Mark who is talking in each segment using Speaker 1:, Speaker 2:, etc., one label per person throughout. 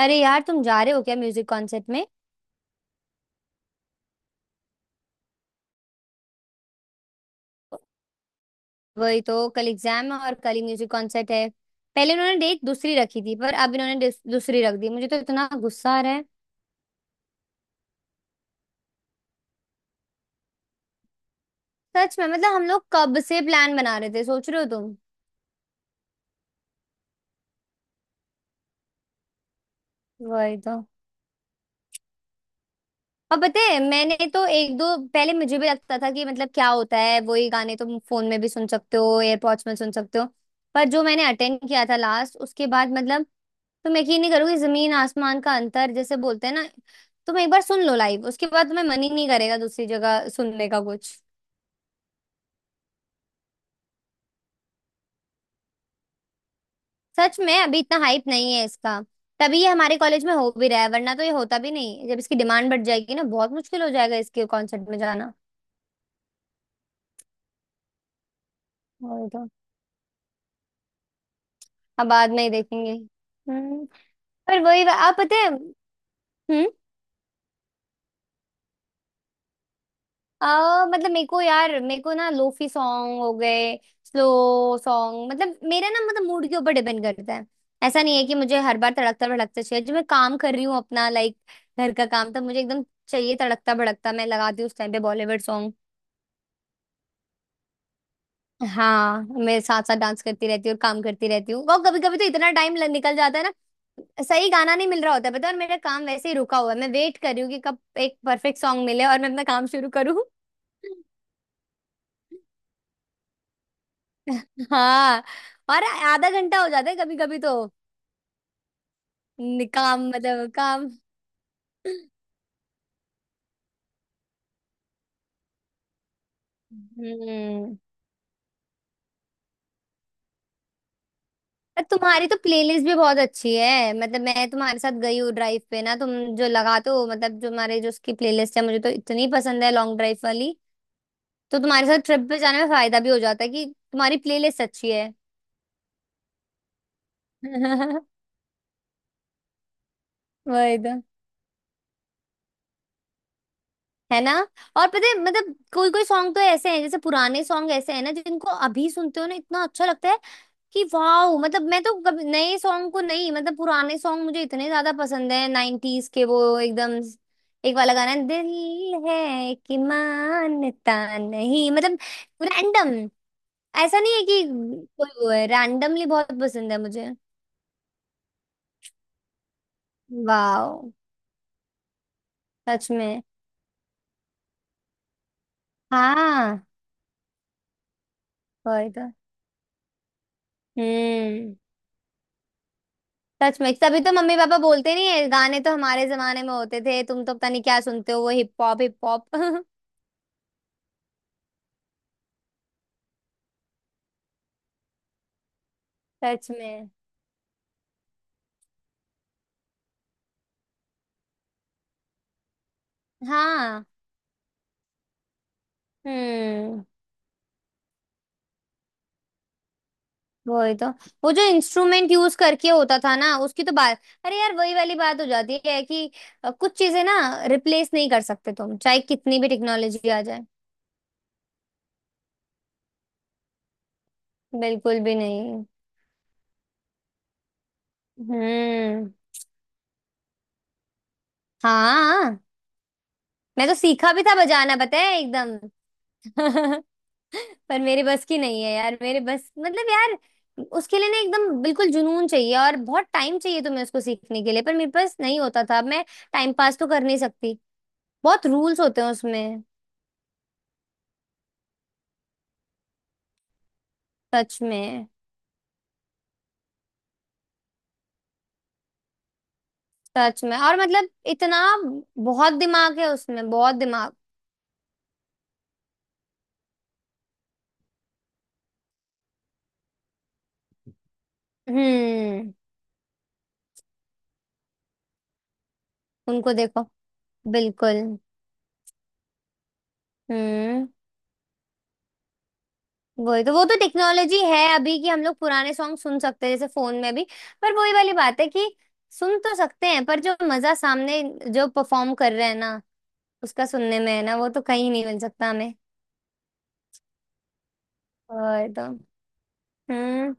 Speaker 1: अरे यार तुम जा रहे हो क्या म्यूजिक कॉन्सर्ट में? वही तो। कल एग्जाम है और कल ही म्यूजिक कॉन्सर्ट है। पहले इन्होंने डेट दूसरी रखी थी पर अब इन्होंने दूसरी रख दी। मुझे तो इतना गुस्सा आ रहा है। सच में, मतलब हम लोग कब से प्लान बना रहे थे, सोच रहे हो तुम। वही तो। और पता है, मैंने तो एक दो पहले मुझे भी लगता था कि मतलब क्या होता है, वही गाने तुम फोन में भी सुन सकते हो, एयरपॉड्स में सुन सकते हो। पर जो मैंने अटेंड किया था लास्ट, उसके बाद मतलब, तुम यकीन नहीं करोगे। जमीन आसमान का अंतर, जैसे बोलते हैं ना। तुम एक बार सुन लो लाइव, उसके बाद तुम्हें मन ही नहीं करेगा दूसरी जगह सुनने का कुछ। सच में अभी इतना हाइप नहीं है इसका। तभी ये हमारे कॉलेज में हो भी रहा है, वरना तो ये होता भी नहीं। जब इसकी डिमांड बढ़ जाएगी ना, बहुत मुश्किल हो जाएगा इसके कॉन्सर्ट में जाना। और तो। अब बाद में ही देखेंगे। हम्म। पर वही अब पता है। हम्म। मतलब मेरे को यार, मेरे को ना लोफी सॉन्ग हो गए, स्लो सॉन्ग। मतलब मेरा ना, मतलब मूड के ऊपर डिपेंड करता है। ऐसा नहीं है कि मुझे हर बार तड़कता भड़कता चाहिए। जब मैं काम कर रही हूँ अपना, लाइक घर का काम, तब मुझे एकदम चाहिए तड़कता भड़कता। मैं लगाती हूँ उस टाइम पे बॉलीवुड सॉन्ग। हाँ, मैं साथ साथ डांस करती रहती हूँ और काम करती रहती हूँ। और कभी कभी तो इतना टाइम निकल जाता है ना, सही गाना नहीं मिल रहा होता है पता है। और मेरा काम वैसे ही रुका हुआ है, मैं वेट कर रही हूँ कि कब एक परफेक्ट सॉन्ग मिले और मैं अपना काम शुरू करूँ। हाँ। और आधा घंटा हो जाता है कभी कभी तो। काम मतलब काम। हम्म। पर तुम्हारी तो प्लेलिस्ट भी बहुत अच्छी है। मतलब मैं तुम्हारे साथ गई हूँ ड्राइव पे ना, तुम जो लगाते हो, मतलब जो हमारे, जो उसकी प्लेलिस्ट है, मुझे तो इतनी पसंद है लॉन्ग ड्राइव वाली। तो तुम्हारे साथ ट्रिप पे जाने में फायदा भी हो जाता है कि तुम्हारी प्लेलिस्ट अच्छी है। वही तो। है ना। और पता है मतलब, कोई कोई सॉन्ग तो ऐसे हैं, जैसे पुराने सॉन्ग ऐसे हैं ना, जिनको अभी सुनते हो ना इतना अच्छा लगता है कि वाह। मतलब मैं तो कभी नए सॉन्ग को नहीं, मतलब पुराने सॉन्ग मुझे इतने ज्यादा पसंद है, नाइनटीज के वो एकदम एक वाला गाना है, दिल है कि मानता नहीं, मतलब रैंडम। ऐसा नहीं है कि कोई वो है, रैंडमली बहुत पसंद है मुझे। वाह। सच में। हाँ। वही तो। हम्म। सच में, सभी तो मम्मी पापा बोलते नहीं है, गाने तो हमारे जमाने में होते थे। तुम तो पता नहीं क्या सुनते हो, वो हिप हॉप हिप हॉप। सच में। हाँ। हम्म। वही तो। वो जो इंस्ट्रूमेंट यूज करके होता था ना, उसकी तो बात। अरे यार वही वाली बात हो जाती है कि कुछ चीजें ना रिप्लेस नहीं कर सकते, तुम चाहे कितनी भी टेक्नोलॉजी आ जाए। बिल्कुल भी नहीं। हम्म। हाँ। मैं तो सीखा भी था बजाना, पता है एकदम। पर मेरे बस की नहीं है यार। मेरे बस, मतलब यार उसके लिए ना एकदम बिल्कुल जुनून चाहिए और बहुत टाइम चाहिए तुम्हें उसको सीखने के लिए। पर मेरे पास नहीं होता था। मैं टाइम पास तो कर नहीं सकती। बहुत रूल्स होते हैं उसमें। सच में। सच में। और मतलब इतना, बहुत दिमाग है उसमें, बहुत दिमाग। हम्म। उनको देखो। बिल्कुल। हम्म। वही तो। वो तो टेक्नोलॉजी है अभी कि हम लोग पुराने सॉन्ग सुन सकते हैं जैसे फोन में भी। पर वही वाली बात है कि सुन तो सकते हैं, पर जो मजा सामने जो परफॉर्म कर रहे हैं ना उसका सुनने में है ना, वो तो कहीं नहीं मिल सकता हमें। और तो। हम्म।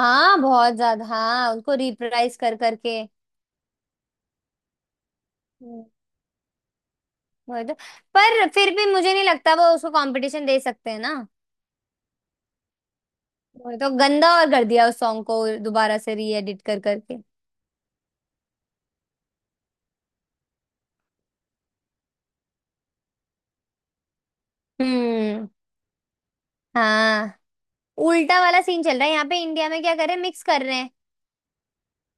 Speaker 1: हाँ, बहुत ज्यादा। हाँ, उनको रिप्राइज कर करके। हम्म। वही तो। पर फिर भी मुझे नहीं लगता वो उसको कंपटीशन दे सकते हैं ना। वही तो, गंदा और कर दिया उस सॉन्ग को, दोबारा से रीएडिट कर करके। हम्म। हाँ। उल्टा वाला सीन चल रहा है, यहाँ पे इंडिया में क्या कर रहे हैं, मिक्स कर रहे हैं।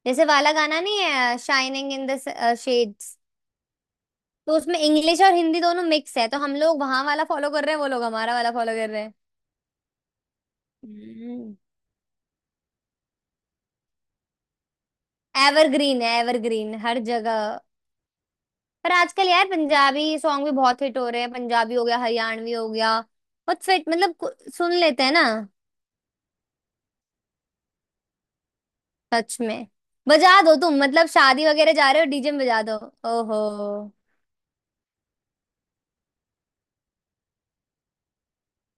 Speaker 1: जैसे वाला गाना नहीं है, शाइनिंग इन द शेड्स। तो उसमें इंग्लिश और हिंदी दोनों मिक्स है। तो हम लोग वहां वाला फॉलो कर रहे हैं, वो लोग हमारा वाला फॉलो कर रहे हैं। हम्म। एवरग्रीन है। एवरग्रीन हर जगह। पर आजकल यार पंजाबी सॉन्ग भी बहुत हिट हो रहे हैं। पंजाबी हो गया, हरियाणवी हो गया, बहुत फिट। मतलब सुन लेते हैं ना। सच में। बजा दो तुम, मतलब शादी वगैरह जा रहे हो, डीजे में बजा दो। ओहो।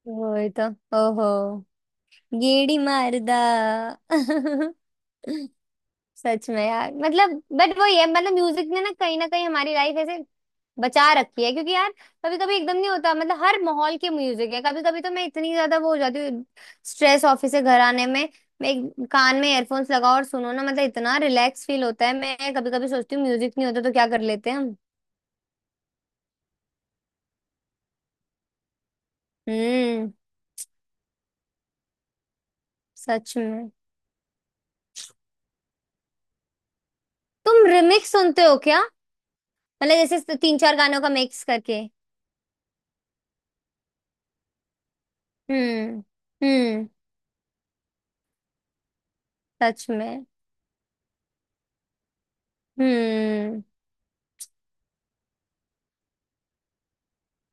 Speaker 1: वही तो। ओहो। गेड़ी मारदा। सच में यार, मतलब बट वो ये, मतलब म्यूजिक ने ना कहीं हमारी लाइफ ऐसे बचा रखी है। क्योंकि यार कभी कभी एकदम नहीं होता, मतलब हर माहौल के म्यूजिक है। कभी कभी तो मैं इतनी ज्यादा वो हो जाती हूँ, स्ट्रेस, ऑफिस से घर आने में। मैं कान में एयरफोन्स लगाओ और सुनो ना, मतलब इतना रिलैक्स फील होता है। मैं कभी कभी सोचती हूँ म्यूजिक नहीं होता तो क्या कर लेते हैं हम। हम्म। सच में। तुम रिमिक्स सुनते हो क्या? मतलब जैसे तीन चार गानों का मिक्स करके। हम्म। हम्म। सच में। हम्म।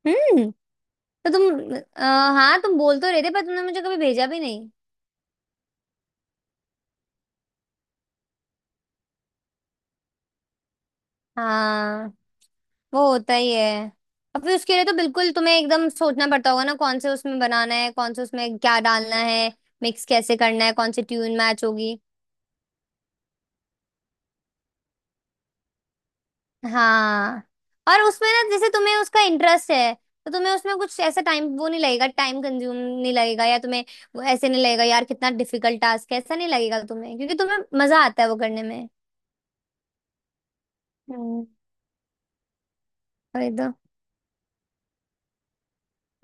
Speaker 1: हम्म। तो तुम हाँ, तुम बोल तो रहे थे, पर तुमने मुझे कभी भेजा भी नहीं। हाँ। वो होता ही है। अब फिर उसके लिए तो बिल्कुल तुम्हें एकदम सोचना पड़ता होगा ना, कौन से उसमें बनाना है, कौन से उसमें क्या डालना है, मिक्स कैसे करना है, कौन सी ट्यून मैच होगी। हाँ। और उसमें ना, जैसे तुम्हें उसका इंटरेस्ट है तो तुम्हें उसमें कुछ ऐसा टाइम वो नहीं लगेगा, टाइम कंज्यूम नहीं लगेगा, या तुम्हें वो ऐसे नहीं लगेगा यार कितना डिफिकल्ट टास्क है, ऐसा नहीं लगेगा तुम्हें, क्योंकि तुम्हें मजा आता है वो करने में। हम्म। वही तो।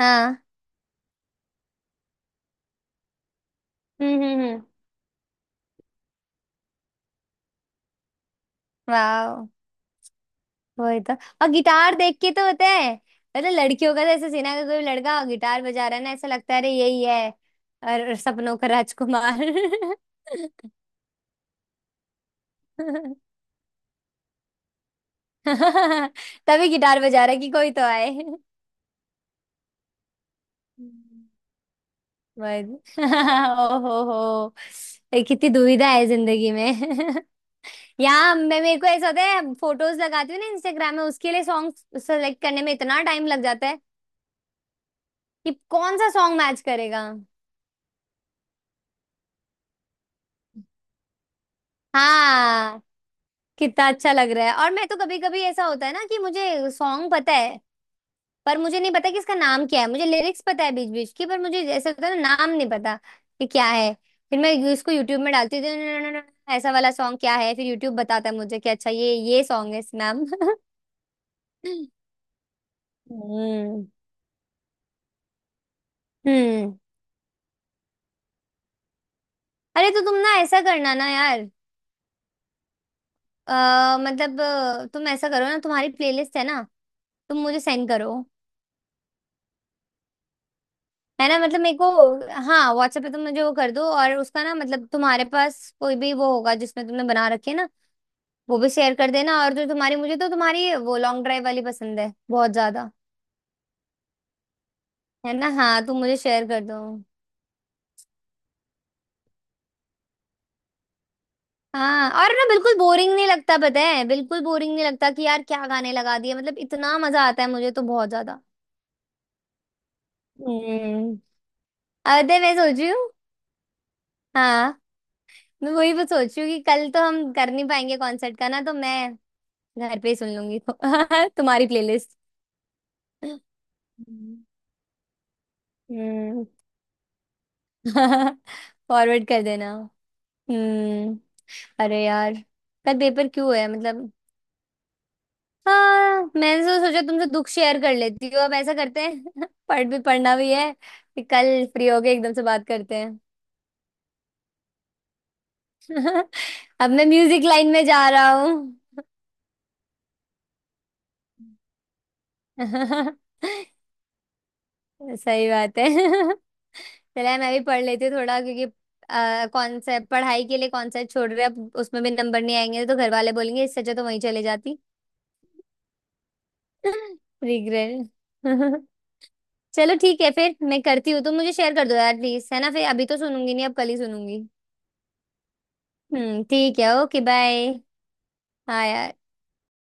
Speaker 1: हाँ। हम्म। हम्म। हम्म। वाह। वही तो। और गिटार देख के तो होता है, मतलब लड़कियों का तो ऐसे सीना का, कोई लड़का गिटार बजा रहा है ना, ऐसा लगता है अरे यही है, और सपनों का राजकुमार। तभी गिटार बजा रहा है कि कोई तो आए। बस। ओ हो हो। ये कितनी दुविधा है जिंदगी में। यहाँ मैं, मेरे को ऐसा होता है, फोटोज लगाती हूँ ना इंस्टाग्राम में, उसके लिए सॉन्ग सेलेक्ट करने में इतना टाइम लग जाता है कि कौन सा सॉन्ग मैच करेगा। हाँ। कितना अच्छा लग रहा है। और मैं तो कभी कभी ऐसा होता है ना कि मुझे सॉन्ग पता है, पर मुझे नहीं पता कि इसका नाम क्या है। मुझे लिरिक्स पता है बीच बीच की, पर मुझे ऐसा होता है ना, नाम नहीं पता कि क्या है। फिर मैं इसको यूट्यूब में डालती हूँ, "न- न- न- न- ऐसा वाला सॉन्ग क्या है।" फिर यूट्यूब बताता है मुझे कि अच्छा, ये सॉन्ग है इस नाम। हम्म। हम्म। अरे तो तुम ना ऐसा करना ना यार। मतलब तुम ऐसा करो ना, तुम्हारी प्लेलिस्ट है ना, तुम मुझे सेंड करो। है ना, मतलब मेरे को। हाँ, व्हाट्सएप पे तुम मुझे वो कर दो, और उसका ना, मतलब तुम्हारे पास कोई भी वो होगा जिसमें तुमने बना रखे ना, वो भी शेयर कर देना। और जो तुम्हारी, मुझे तो तुम्हारी वो लॉन्ग ड्राइव वाली पसंद है बहुत ज्यादा। है ना। हाँ, तुम मुझे शेयर कर दो। हाँ, और ना बिल्कुल बोरिंग नहीं लगता पता है, बिल्कुल बोरिंग नहीं लगता कि यार क्या गाने लगा दिए। मतलब इतना मजा आता है मुझे तो, बहुत ज्यादा। हम्म। अरे मैं सोच रही हूँ। हाँ। मैं वही बस सोच रही हूँ कि कल तो हम कर नहीं पाएंगे कॉन्सर्ट का ना, तो मैं घर पे ही सुन लूंगी तुम्हारी प्लेलिस्ट। हम्म। फॉरवर्ड कर देना। हम्म। अरे यार, कल पेपर क्यों है मतलब। हाँ, मैंने तो सोचा तुमसे दुख शेयर कर लेती हूँ। अब ऐसा करते हैं पढ़ भी, पढ़ना भी है, कि कल फ्री होके एकदम से बात करते हैं। अब मैं म्यूजिक लाइन में जा रहा हूँ। सही बात है। चला, मैं भी पढ़ लेती हूँ थोड़ा, क्योंकि कॉन्सेप्ट, पढ़ाई के लिए कॉन्सेप्ट छोड़ रहे हैं, अब उसमें भी नंबर नहीं आएंगे तो घर वाले बोलेंगे इससे अच्छा तो वहीं चले जाती। रिग्रेट। चलो ठीक है, फिर मैं करती हूँ। तुम मुझे शेयर कर दो यार प्लीज, है ना। फिर अभी तो सुनूंगी नहीं, अब कल ही सुनूंगी। हम्म, ठीक है। Okay, bye. हाँ यार।